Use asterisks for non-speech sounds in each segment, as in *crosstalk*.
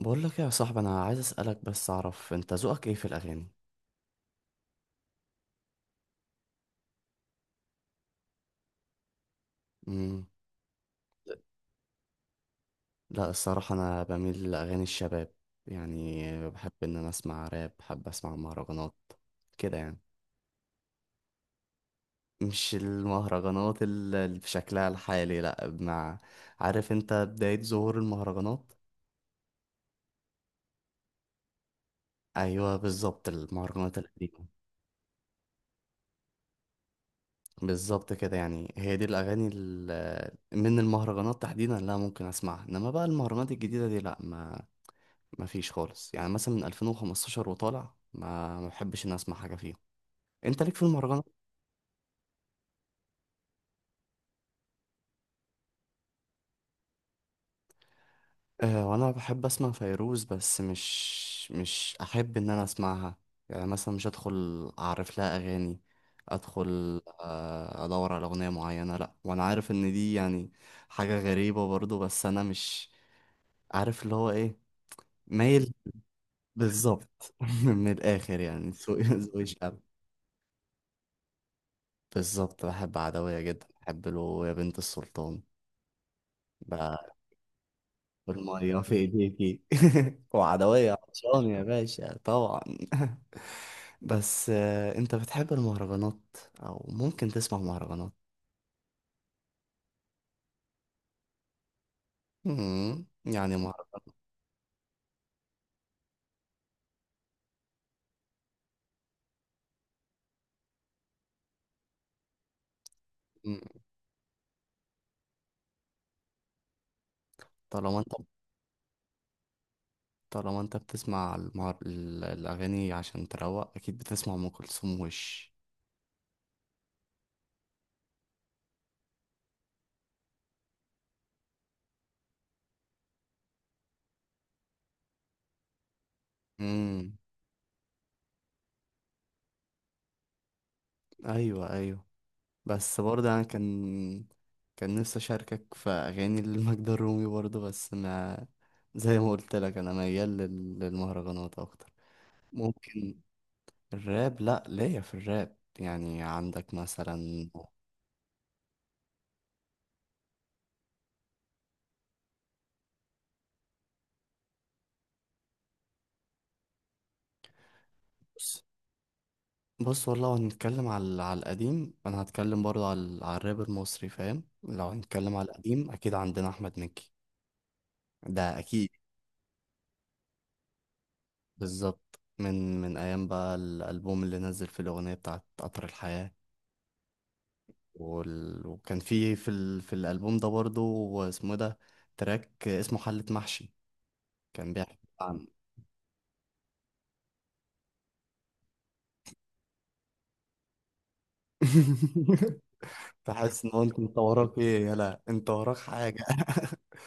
بقول لك إيه يا صاحبي، انا عايز اسالك بس اعرف انت ذوقك ايه في الاغاني؟ امم. لا الصراحه انا بميل لاغاني الشباب يعني. بحب ان انا اسمع راب، بحب اسمع مهرجانات كده يعني. مش المهرجانات اللي بشكلها الحالي لا مع. عارف انت بدايه ظهور المهرجانات؟ ايوه بالظبط المهرجانات القديمه. بالظبط كده يعني، هي دي الاغاني من المهرجانات تحديدا لا ممكن اسمعها، انما بقى المهرجانات الجديده دي لا. ما فيش خالص يعني، مثلا من 2015 وطالع ما بحبش اني اسمع حاجه فيهم. انت ليك في المهرجانات؟ آه وانا بحب اسمع فيروز، بس مش احب ان انا اسمعها. يعني مثلا مش ادخل اعرف لها اغاني، ادخل ادور على اغنيه معينه لا، وانا عارف ان دي يعني حاجه غريبه برضو، بس انا مش عارف اللي هو ايه. مايل. بالظبط *laughs* من الاخر يعني، ذوقي شعبي. بالظبط بحب عدوية جدا، بحب له يا بنت السلطان. ب- والمية في ايديكي *laughs* وعدوية عطشان يا باشا طبعا *laughs* بس انت بتحب المهرجانات او ممكن تسمع مهرجانات؟ يعني مم، طالما انت بتسمع الاغاني عشان تروق، اكيد بتسمع ام كلثوم وش. امم. ايوه ايوه، بس برضه انا كان نفسي اشاركك في اغاني لمجد الرومي برضه، بس ما زي ما قلت لك انا ميال للمهرجانات اكتر. ممكن. الراب لا ليا في الراب يعني، عندك مثلا. بص بص والله لو هنتكلم على القديم، انا هتكلم برضه على الراب المصري فاهم. لو هنتكلم على القديم اكيد عندنا احمد مكي. ده اكيد. بالظبط من ايام بقى الالبوم اللي نزل، في الاغنيه بتاعت قطر الحياه. وكان فيه في الالبوم ده برضه، اسمه، ده تراك اسمه حلة محشي، كان بيحكي عن. *laughs* فحاسس ان هو انت وراك ايه، يلا انت وراك حاجه *laughs*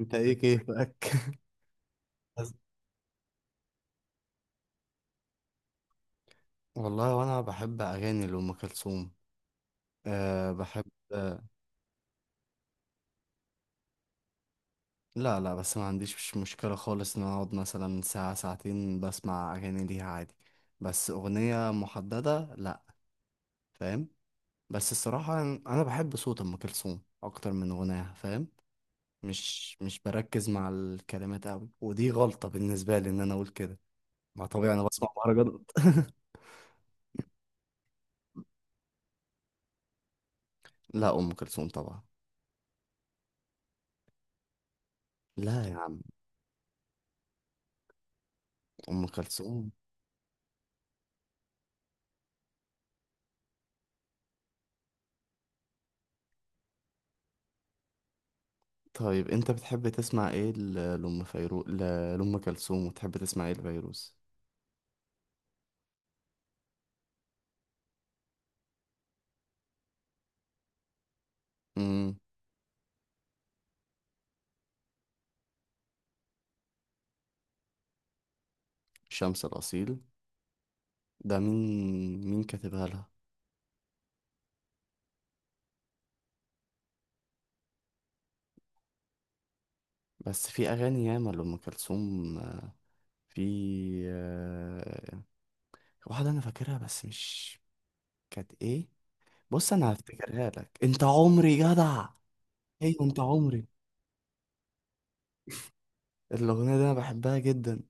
انت ايه كيفك؟ بس والله وانا بحب اغاني لام كلثوم، أه بحب، أه. لا لا، بس ما عنديش مش مشكله خالص ان أنا اقعد مثلا ساعه ساعتين بسمع اغاني ليها عادي. بس اغنيه محدده لا. فاهم. بس الصراحه انا بحب صوت ام كلثوم اكتر من غناها، فاهم. مش بركز مع الكلمات قوي، ودي غلطه بالنسبه لي ان انا اقول كده. ما طبيعي انا بسمع مهرجانات *laughs* لا ام كلثوم طبعا. لا يا عم، ام كلثوم. طيب انت بتحب تسمع ايه لام فيرو ل- لام كلثوم؟ وتحب تسمع ايه لفيروز؟ امم. شمس الاصيل، ده مين كاتبها لها؟ بس في اغاني ياما لام كلثوم. في آه، واحده انا فاكرها بس مش. كانت ايه؟ بص انا هفتكرها لك، انت عمري جدع. ايوه انت عمري. الاغنيه دي انا بحبها جدا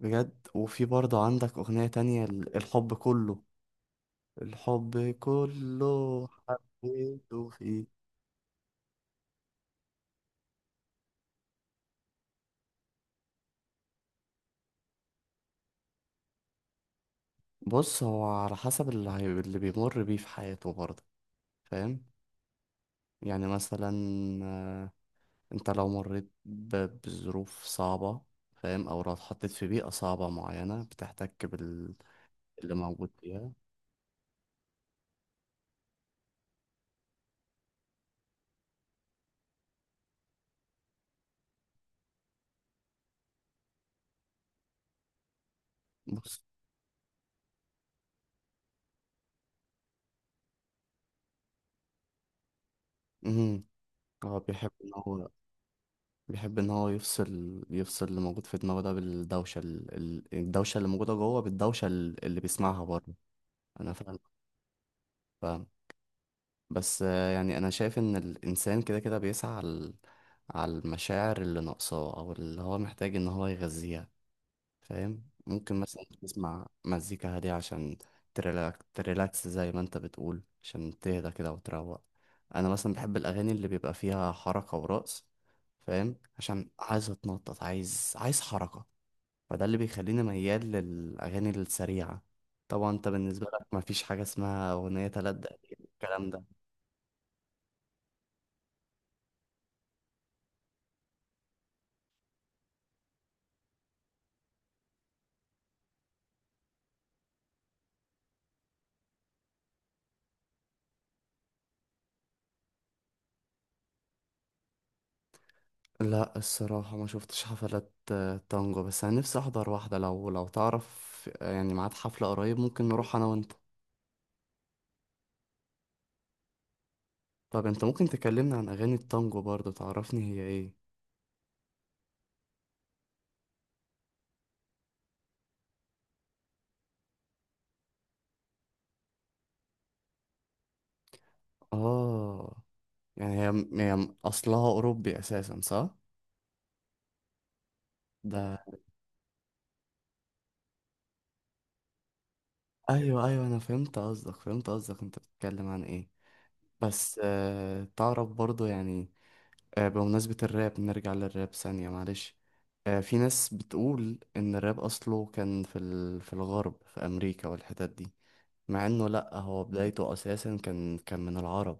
بجد. وفي برضه عندك اغنيه تانية، الحب كله، الحب كله حبيته فيه. بص هو على حسب اللي بيمر بيه في حياته برضه، فاهم. يعني مثلا، آه، انت لو مريت بظروف صعبة، فاهم، او لو اتحطيت في بيئة صعبة معينة بتحتك باللي موجود فيها. بص. امم هو بيحب ان هو، يفصل اللي موجود في دماغه ده بالدوشة، الدوشة اللي موجودة جوه، بالدوشة اللي بيسمعها بره. انا فاهم. بس يعني انا شايف ان الانسان كده كده بيسعى على المشاعر اللي ناقصاه او اللي هو محتاج ان هو يغذيها، فاهم. ممكن مثلا تسمع مزيكا هادية عشان تريلاكس زي ما انت بتقول، عشان تهدى كده وتروق. انا مثلا بحب الاغاني اللي بيبقى فيها حركة ورقص، فاهم، عشان عايز اتنطط، عايز حركة. فده اللي بيخليني ميال للاغاني السريعة. طبعا انت بالنسبة لك مفيش حاجة اسمها اغنية تلات دقايق الكلام ده. لا الصراحة ما شفتش حفلات تانجو، بس أنا نفسي أحضر واحدة لو تعرف يعني ميعاد حفلة قريب، ممكن نروح أنا وأنت. طب أنت ممكن تكلمنا عن أغاني التانجو برضه، تعرفني هي إيه. آه يعني هي أصلها أوروبي أساسا صح؟ ده. أيوه أيوه أنا فهمت قصدك، أنت بتتكلم عن إيه. بس تعرف برضه يعني. بمناسبة الراب نرجع للراب ثانية معلش. في ناس بتقول إن الراب أصله كان في الغرب في أمريكا والحتت دي، مع إنه لأ هو بدايته أساسا كان من العرب.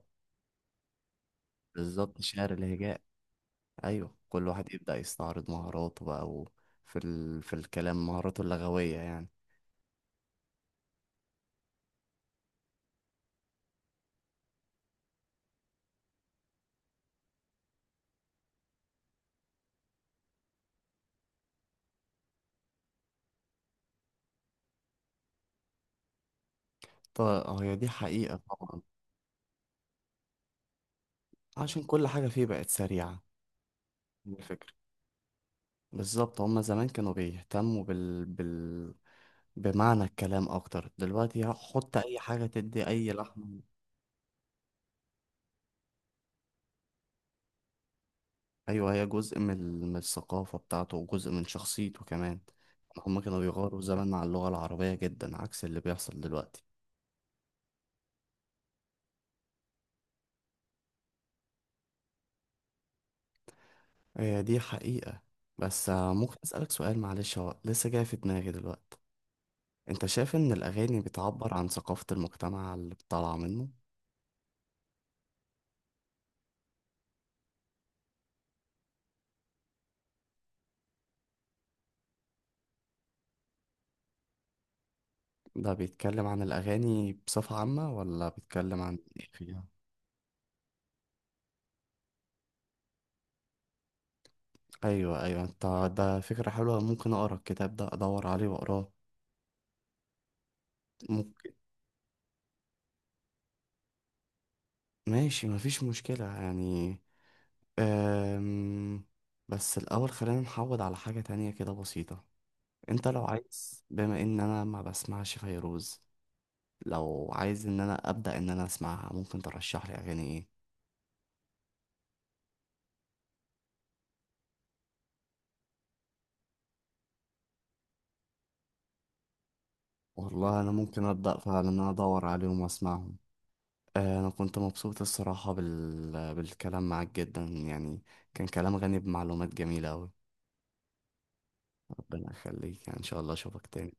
بالظبط شعر الهجاء. أيوه كل واحد يبدأ يستعرض مهاراته بقى و... في الكلام مهاراته اللغوية يعني. طب هي دي حقيقة طبعا، عشان كل حاجة فيه بقت سريعة. دي الفكرة. بالظبط هما زمان كانوا بيهتموا بمعنى الكلام اكتر، دلوقتي حط اي حاجة تدي اي لحم. ايوه هي جزء من من الثقافة بتاعته وجزء من شخصيته كمان. هما كانوا بيغاروا زمان مع اللغة العربية جدا عكس اللي بيحصل دلوقتي. هي دي حقيقة. بس ممكن اسألك سؤال معلش هو لسه جاي في دماغي دلوقتي؟ انت شايف ان الاغاني بتعبر عن ثقافة المجتمع اللي طالعة منه؟ ده بيتكلم عن الاغاني بصفة عامة ولا بيتكلم عن ايه فيها؟ ايوه ايوه انت. ده فكرة حلوة، ممكن اقرا الكتاب ده ادور عليه واقراه. مم- ماشي مفيش مشكلة يعني. أم... بس الاول خلينا نحود على حاجة تانية كده بسيطة. انت لو عايز، بما ان انا ما بسمعش فيروز، لو عايز ان انا ابدا ان انا اسمعها ممكن ترشح لي اغاني ايه؟ والله انا ممكن ابدا فعلا ان انا ادور عليهم واسمعهم. انا كنت مبسوط الصراحة بالكلام معاك جدا يعني، كان كلام غني بمعلومات جميلة اوي. ربنا يخليك يعني ان شاء الله اشوفك تاني.